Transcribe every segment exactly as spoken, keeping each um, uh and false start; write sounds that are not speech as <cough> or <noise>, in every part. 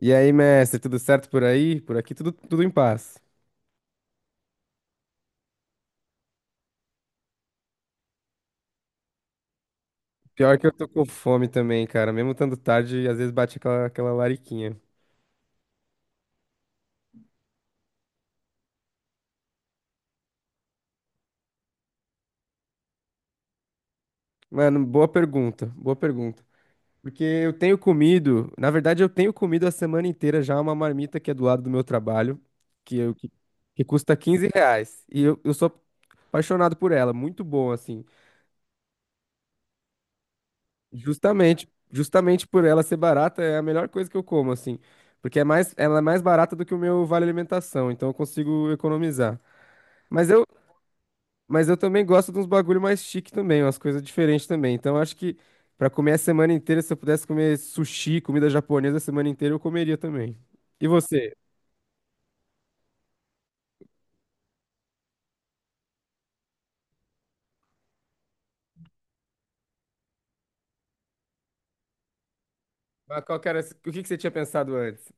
E aí, mestre, tudo certo por aí? Por aqui tudo, tudo em paz. Pior que eu tô com fome também, cara. Mesmo estando tarde, às vezes bate aquela, aquela lariquinha. Mano, boa pergunta, boa pergunta. Porque eu tenho comido, na verdade, eu tenho comido a semana inteira já uma marmita que é do lado do meu trabalho, que, eu, que, que custa quinze reais. E eu, eu sou apaixonado por ela, muito bom, assim. Justamente, justamente por ela ser barata, é a melhor coisa que eu como, assim. Porque é mais, ela é mais barata do que o meu vale alimentação, então eu consigo economizar. Mas eu, mas eu também gosto de uns bagulho mais chique também, umas coisas diferentes também. Então eu acho que pra comer a semana inteira, se eu pudesse comer sushi, comida japonesa a semana inteira, eu comeria também. E você? Mas qual que era, o que que você tinha pensado antes?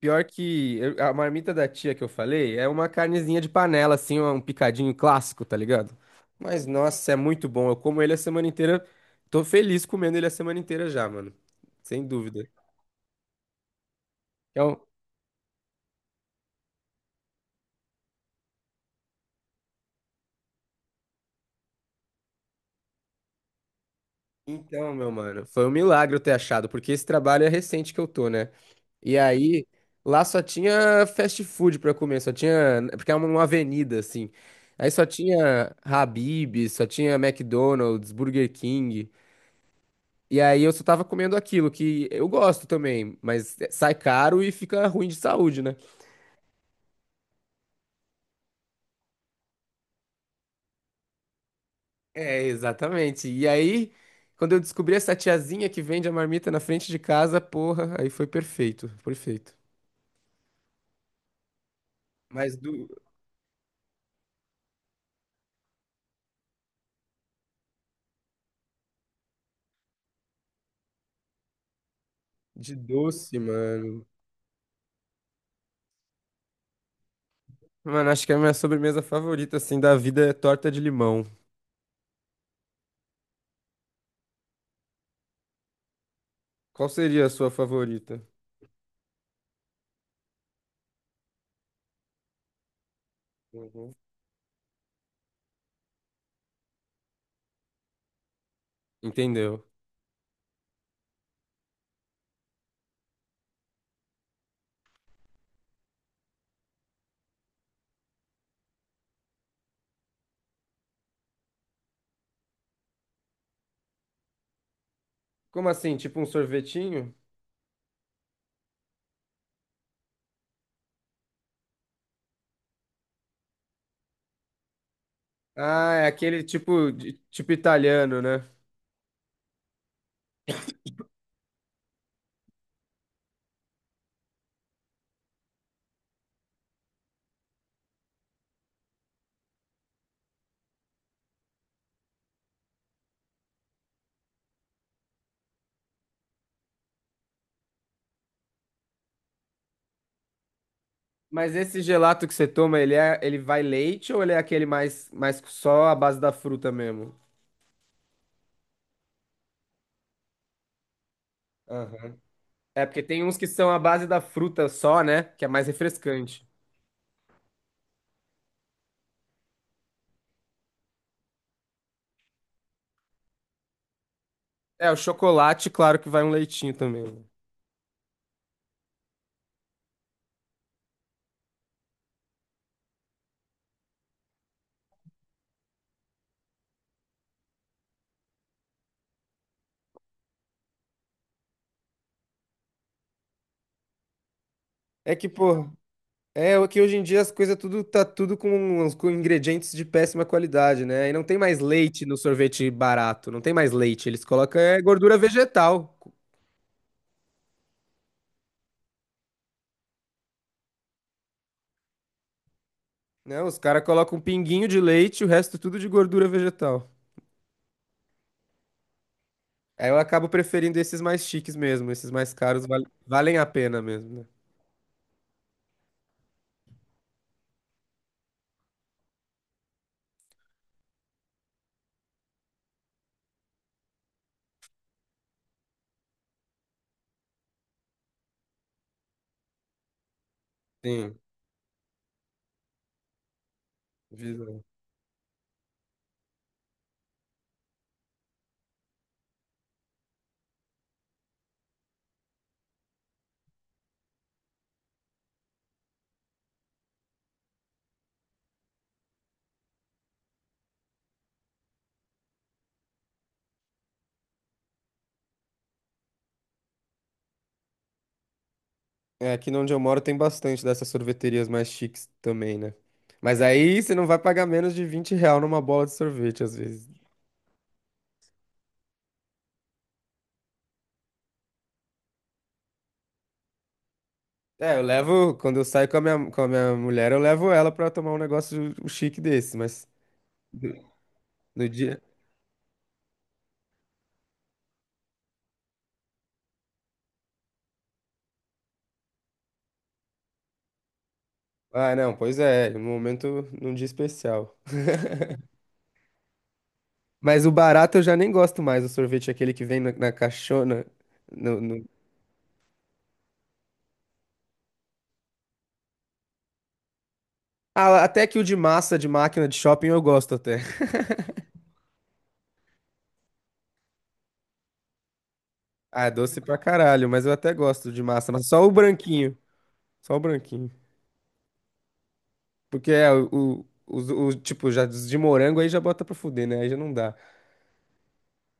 Pior que eu- a marmita da tia que eu falei é uma carnezinha de panela, assim, um picadinho clássico, tá ligado? Mas nossa, é muito bom. Eu como ele a semana inteira. Tô feliz comendo ele a semana inteira já, mano. Sem dúvida. Então, então, meu mano, foi um milagre eu ter achado, porque esse trabalho é recente que eu tô, né? E aí, lá só tinha fast food pra comer, só tinha. Porque é uma uma avenida, assim. Aí só tinha Habib, só tinha McDonald's, Burger King. E aí eu só tava comendo aquilo que eu gosto também, mas sai caro e fica ruim de saúde, né? É, exatamente. E aí, quando eu descobri essa tiazinha que vende a marmita na frente de casa, porra, aí foi perfeito, perfeito. Mas do, de doce, mano. Mano, acho que é a minha sobremesa favorita, assim, da vida é torta de limão. Qual seria a sua favorita? Uhum. Entendeu? Como assim? Tipo um sorvetinho? Ah, é aquele tipo, de- tipo italiano, né? Mas esse gelato que você toma, ele é, ele vai leite ou ele é aquele mais, mais só a base da fruta mesmo? Aham. É, porque tem uns que são a base da fruta só, né? Que é mais refrescante. É, o chocolate, claro que vai um leitinho também, né? É que, pô, é o que hoje em dia as coisas tudo tá tudo com, com ingredientes de péssima qualidade, né? E não tem mais leite no sorvete barato, não tem mais leite, eles colocam é, gordura vegetal, né? Os caras colocam um pinguinho de leite, o resto tudo de gordura vegetal. Aí eu acabo preferindo esses mais chiques mesmo, esses mais caros val- valem a pena mesmo, né? Sim, visão. É, aqui onde eu moro tem bastante dessas sorveterias mais chiques também, né? Mas aí você não vai pagar menos de vinte real numa bola de sorvete, às vezes. É, eu levo, quando eu saio com a minha, com a minha mulher, eu levo ela pra tomar um negócio um chique desse, mas no no dia... Ah, não, pois é, no momento, num dia especial. Mas o barato eu já nem gosto mais, o sorvete é aquele que vem na, na caixona. Ah, até que o de massa de máquina de shopping eu gosto até. Ah, é doce pra caralho, mas eu até gosto de massa, mas só o branquinho. Só o branquinho. Porque é o, o, os- o- tipo, já os de morango aí já bota pra fuder, né? Aí já não dá.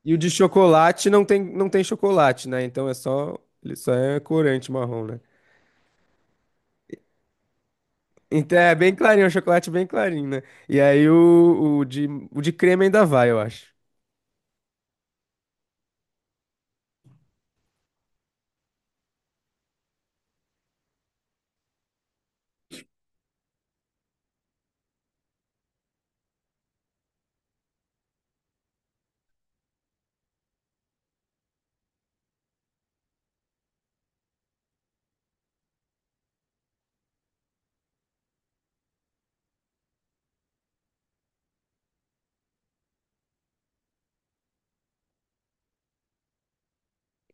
E o de chocolate não tem, não tem chocolate, né? Então é só, ele só é corante marrom, né? Então é bem clarinho, é um chocolate bem clarinho, né? E aí o, o de, o de creme ainda vai, eu acho.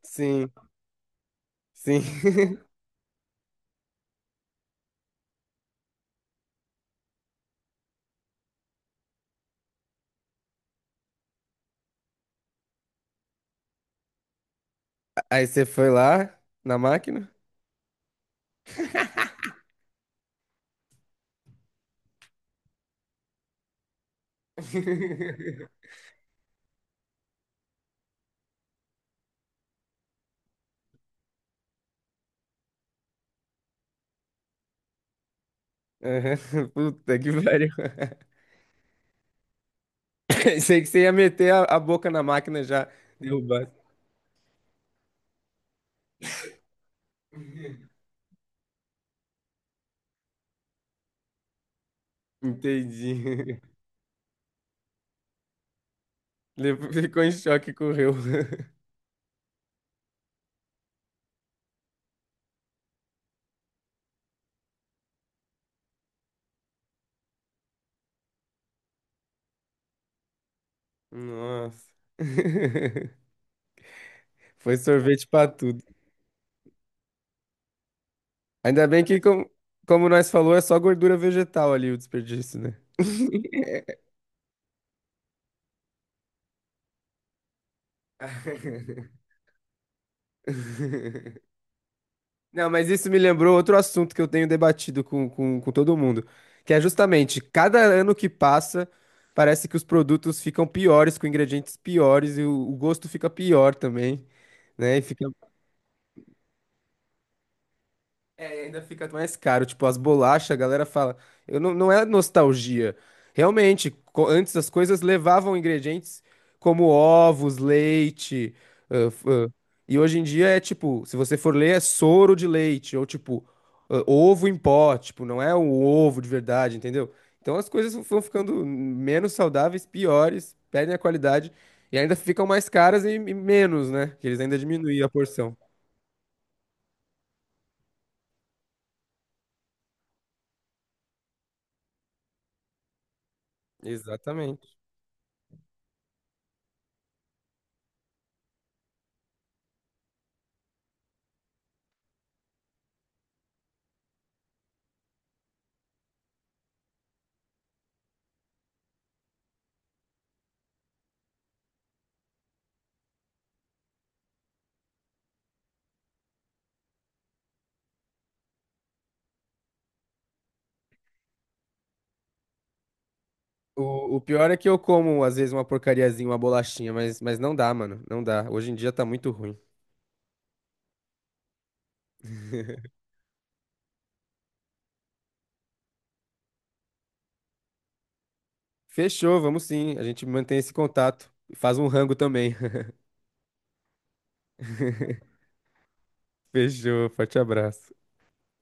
Sim, sim. <laughs> Aí você foi lá na máquina? <laughs> Aham. <laughs> Puta que pariu. <laughs> Sei que você ia meter a, a boca na máquina já derrubar. Entendi. <laughs> Levou- Ficou em choque e correu. <laughs> Nossa. <laughs> Foi sorvete pra tudo. Ainda bem que, com- como nós falou, é só gordura vegetal ali o desperdício, né? <laughs> Não, mas isso me lembrou outro assunto que eu tenho debatido com, com, com todo mundo, que é justamente cada ano que passa, parece que os produtos ficam piores, com ingredientes piores, e o, o gosto fica pior também, né? E fica, é, e ainda fica mais caro. Tipo, as bolachas, a galera fala. Eu não, não é nostalgia. Realmente, co- antes as coisas levavam ingredientes como ovos, leite. ãh, f- ãh, e hoje em dia é tipo, se você for ler, é soro de leite. Ou tipo, ãh, ovo em pó. Tipo, não é um ovo de verdade, entendeu? Então as coisas vão ficando menos saudáveis, piores, perdem a qualidade. E ainda ficam mais caras e, e menos, né? Que eles ainda diminuem a porção. Exatamente. O, o pior é que eu como, às vezes, uma porcariazinha, uma bolachinha, mas, mas não dá, mano. Não dá. Hoje em dia tá muito ruim. <laughs> Fechou, vamos sim. A gente mantém esse contato. Faz um rango também. <laughs> Fechou, forte abraço.